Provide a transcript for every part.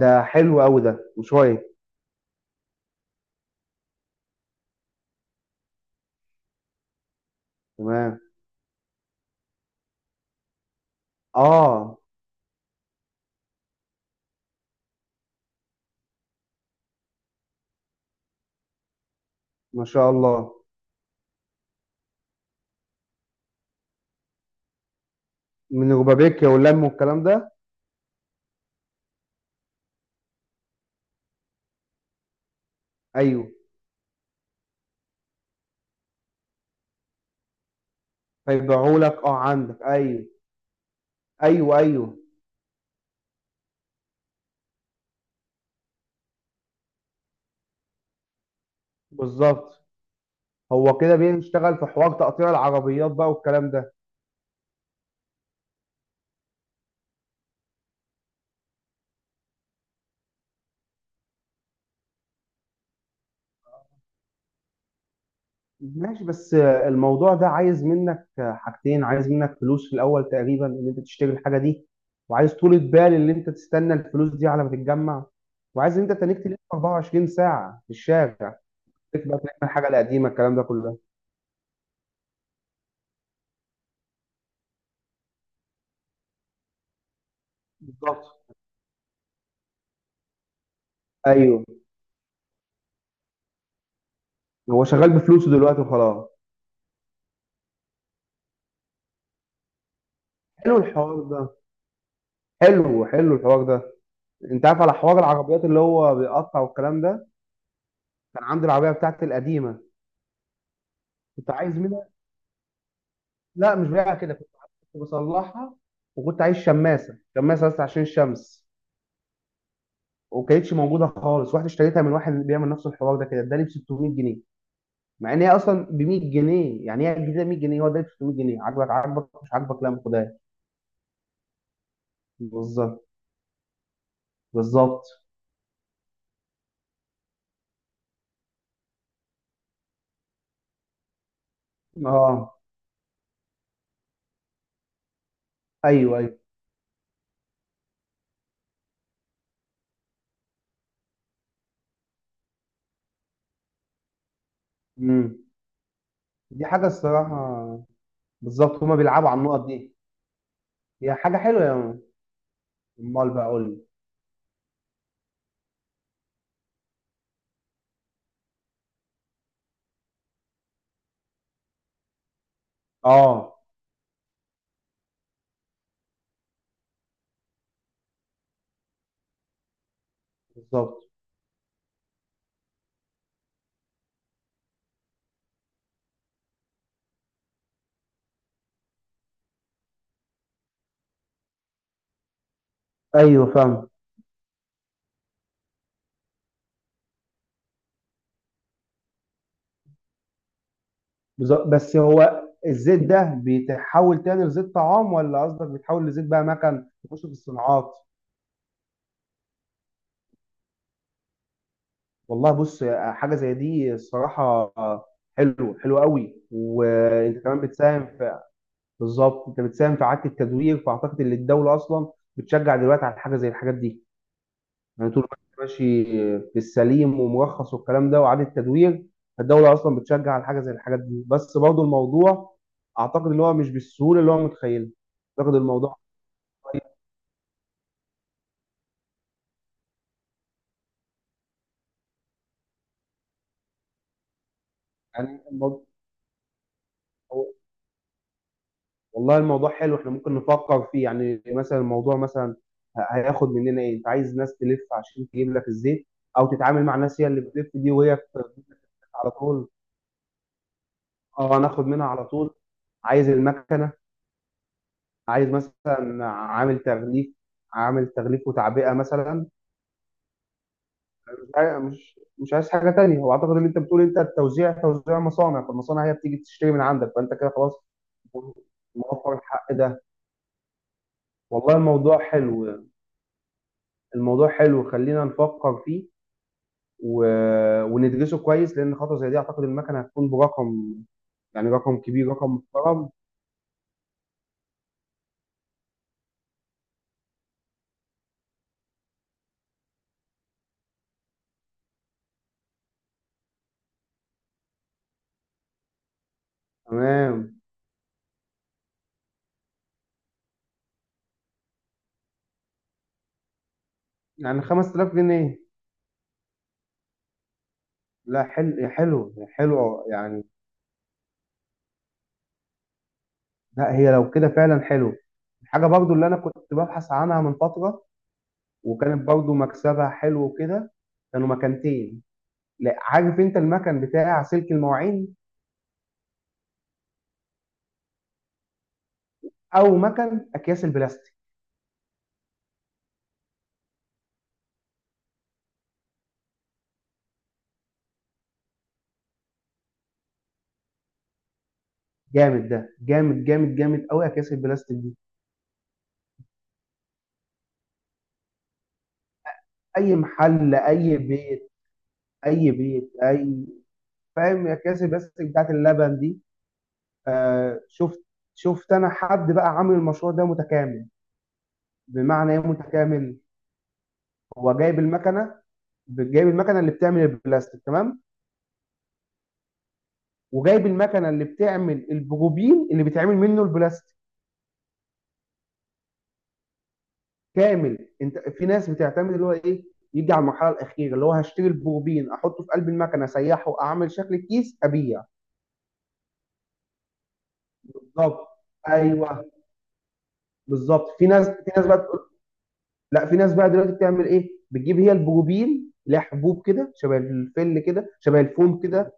ده حلو قوي، ده وشوية. تمام. اه. ما شاء الله. من ربابيكيا واللم والكلام ده. ايوه. فيبيعوا لك، اه، عندك. ايوه. ايوه. ايوه. بالظبط. هو كده بيشتغل في حوار تقطيع العربيات بقى والكلام ده. ماشي، بس الموضوع ده عايز منك حاجتين: عايز منك فلوس في الاول تقريبا ان انت تشتري الحاجة دي، وعايز طولة بال ان انت تستنى الفلوس دي على ما تتجمع، وعايز ان انت تنيك تلف 24 ساعة في الشارع، تكبر، تعمل الحاجة القديمة، الكلام ده كله. بالظبط. ايوه. هو شغال بفلوسه دلوقتي وخلاص. حلو الحوار ده. حلو، حلو الحوار ده. انت عارف على حوار العربيات اللي هو بيقطع والكلام ده؟ كان عندي العربيه بتاعتي القديمه. كنت عايز منها. لا، مش بيها كده. كنت بصلحها. وكنت عايز شماسه، شماسه بس عشان الشمس. وكانتش موجوده خالص، رحت اشتريتها من واحد بيعمل نفس الحوار ده كده، اداني ب 600 جنيه. مع ان هي اصلا ب 100 جنيه، يعني هي جديده 100 جنيه، هو اداني ب 600 جنيه. عاجبك عاجبك، مش عاجبك لا ما خدهاش. بالظبط. بالظبط. اه. ايوه. أيوه. امم. دي حاجة الصراحة. بالظبط، هما بيلعبوا على النقط دي. هي حاجة حلوة. امال بقى قول لي. اه. بالظبط. ايوه فاهم. بالظبط. بس هو الزيت ده بيتحول تاني لزيت طعام، ولا قصدك بيتحول لزيت بقى مكن تخش في الصناعات؟ والله بص، حاجة زي دي الصراحة حلو، حلو قوي. وانت كمان بتساهم في... بالظبط، انت بتساهم في إعادة التدوير، فاعتقد ان الدولة اصلا بتشجع دلوقتي على حاجة زي الحاجات دي. يعني طول ما انت ماشي في السليم ومرخص والكلام ده وإعادة تدوير، الدولة أصلا بتشجع على حاجة زي الحاجات دي. بس برضه الموضوع أعتقد إن هو مش بالسهولة اللي هو متخيلها. أعتقد الموضوع، يعني الموضوع... والله الموضوع حلو، إحنا ممكن نفكر فيه. يعني مثلا الموضوع مثلا هياخد مننا إيه؟ أنت عايز ناس تلف عشان تجيب لك الزيت، أو تتعامل مع ناس هي اللي بتلف دي، وهي على طول. أه، ناخد منها على طول. عايز المكنة، عايز مثلا عامل تغليف، عامل تغليف وتعبئه مثلا. مش عايز حاجه تانية. هو اعتقد اللي انت بتقول انت التوزيع توزيع مصانع، فالمصانع هي بتيجي تشتري من عندك، فانت كده خلاص موفر الحق ده. والله الموضوع حلو، الموضوع حلو، خلينا نفكر فيه و... وندرسه كويس، لان خطوه زي دي اعتقد المكنه هتكون برقم، يعني رقم كبير، رقم محترم. تمام. يعني 5000 جنيه. لا، حلو حلو حلو يعني. لا هي لو كده فعلا حلو. حاجة برضو اللي أنا كنت ببحث عنها من فترة، وكانت برضو مكسبها حلو وكده. كانوا مكانتين. لا، عارف أنت المكان بتاع سلك المواعين، أو مكان أكياس البلاستيك؟ جامد ده، جامد جامد جامد أوي أكياس البلاستيك دي. أي محل، أي بيت، أي بيت، أي... فاهم أكياس البلاستيك بتاعت اللبن دي؟ آه، شفت. شفت أنا حد بقى عامل المشروع ده متكامل. بمعنى إيه متكامل؟ هو جايب المكنة، جايب المكنة اللي بتعمل البلاستيك تمام، وجايب المكنه اللي بتعمل البروبين اللي بيتعمل منه البلاستيك. كامل. انت في ناس بتعتمد اللي هو ايه: يجي على المرحله الاخيره اللي هو هشتري البروبين، احطه في قلب المكنه، اسيحه، اعمل شكل الكيس، ابيع. بالظبط. ايوه. بالظبط. في ناس بقى تقول... لا، في ناس بقى دلوقتي بتعمل ايه، بتجيب هي البروبين، لها حبوب كده شبه الفل كده، شبه الفوم كده.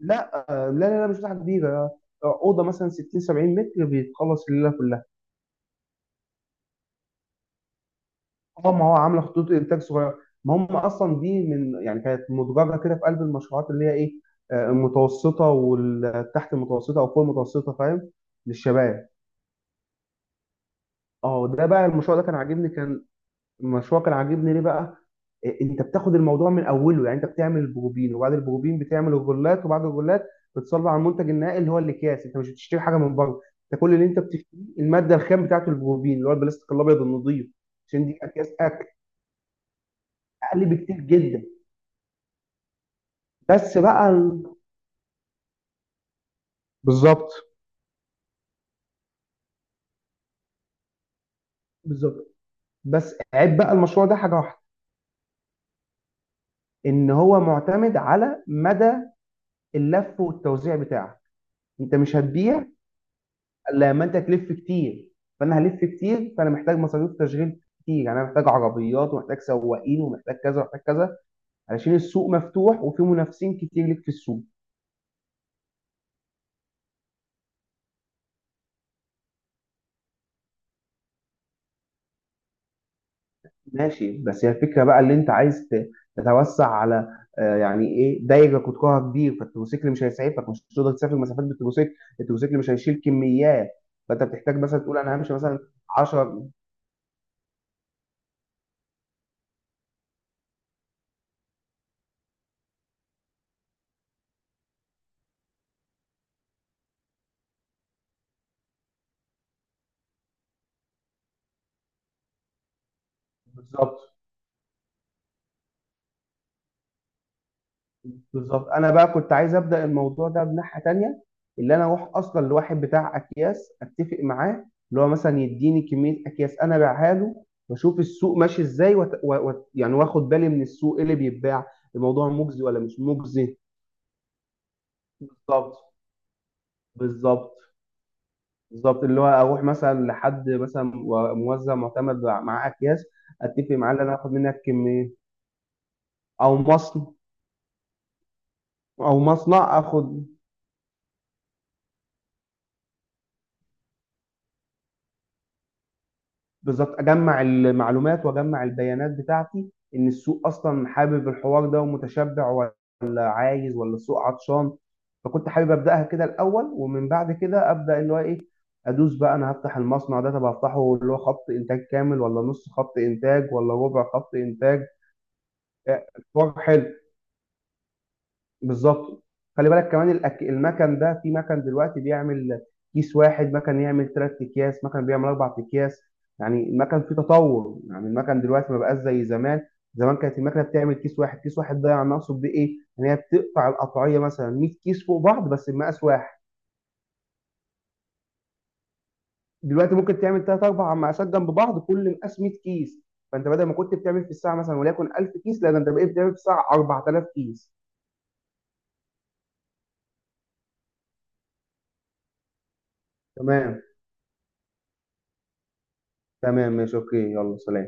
لا، لا، لا، لا مش مساحه كبيره. اوضه مثلا 60 70 متر بيتخلص الليله كلها. اه، ما هو عامله خطوط انتاج صغيره. ما هم اصلا دي من، يعني كانت مدرجه كده في قلب المشروعات اللي هي ايه، المتوسطه والتحت المتوسطه او فوق المتوسطه، فاهم، للشباب. اه. ده بقى المشروع ده كان عاجبني، كان... المشروع كان عاجبني ليه بقى؟ انت بتاخد الموضوع من اوله، يعني انت بتعمل البروبين وبعد البروبين بتعمل الغلات وبعد الغلات بتصلب على المنتج النهائي اللي هو الاكياس. انت مش بتشتري حاجه من بره، انت كل اللي انت بتشتريه الماده الخام بتاعته البروبين اللي هو البلاستيك الابيض النظيف. عشان دي اكياس اكل. اقل بكتير جدا. بس بقى ال- بالظبط. بالظبط. بس عيب بقى المشروع ده حاجه واحده: ان هو معتمد على مدى اللف والتوزيع بتاعك. انت مش هتبيع الا لما انت تلف كتير. فانا هلف كتير، فانا محتاج مصاريف تشغيل كتير، يعني انا محتاج عربيات، ومحتاج سواقين، ومحتاج كذا ومحتاج كذا، علشان السوق مفتوح وفي منافسين كتير ليك في السوق. ماشي، بس هي الفكره بقى اللي انت عايز تتوسع على، يعني ايه، دايره قطرها كبير، فالتروسيكل مش هيسعفك، مش هتقدر تسافر مسافات بالتروسيكل. التروسيكل مش هيشيل كميات. فانت بتحتاج مثلا تقول انا همشي مثلا 10. بالظبط. بالظبط. انا بقى كنت عايز ابدا الموضوع ده بناحيه تانيه، اللي انا اروح اصلا لواحد بتاع اكياس، اتفق معاه اللي هو مثلا يديني كميه اكياس انا ابيعها له، واشوف السوق ماشي ازاي يعني واخد بالي من السوق إيه اللي بيتباع، الموضوع مجزي ولا مش مجزي. بالظبط. بالظبط. بالظبط، اللي هو اروح مثلا لحد مثلا موزع معتمد مع اكياس، اتفق معاه ان انا اخد منك كميه، او مصنع، او مصنع، اخد بالظبط، اجمع المعلومات واجمع البيانات بتاعتي ان السوق اصلا حابب الحوار ده ومتشبع، ولا عايز ولا السوق عطشان. فكنت حابب ابداها كده الاول، ومن بعد كده ابدا اللي هو ايه، ادوس بقى انا هفتح المصنع ده. طب هفتحه اللي هو خط انتاج كامل، ولا نص خط انتاج، ولا ربع خط انتاج؟ آه، حوار حلو. بالظبط. خلي بالك كمان المكن ده، في مكن دلوقتي بيعمل كيس واحد، مكن يعمل ثلاث اكياس، مكن بيعمل اربع اكياس. يعني المكن فيه تطور، يعني المكن دلوقتي ما بقاش زي زمان. زمان كانت المكنه بتعمل كيس واحد. كيس واحد ده يعني اقصد بيه ايه، ان هي بتقطع القطعيه مثلا 100 كيس فوق بعض بس بمقاس واحد. دلوقتي ممكن تعمل ثلاث اربع مقاسات جنب بعض، كل مقاس 100 كيس. فانت بدل ما كنت بتعمل في الساعه مثلا وليكن 1000 كيس، لا ده انت بقيت بتعمل في الساعه 4000 كيس. تمام. تمام، ماشي، اوكي، يلا سلام.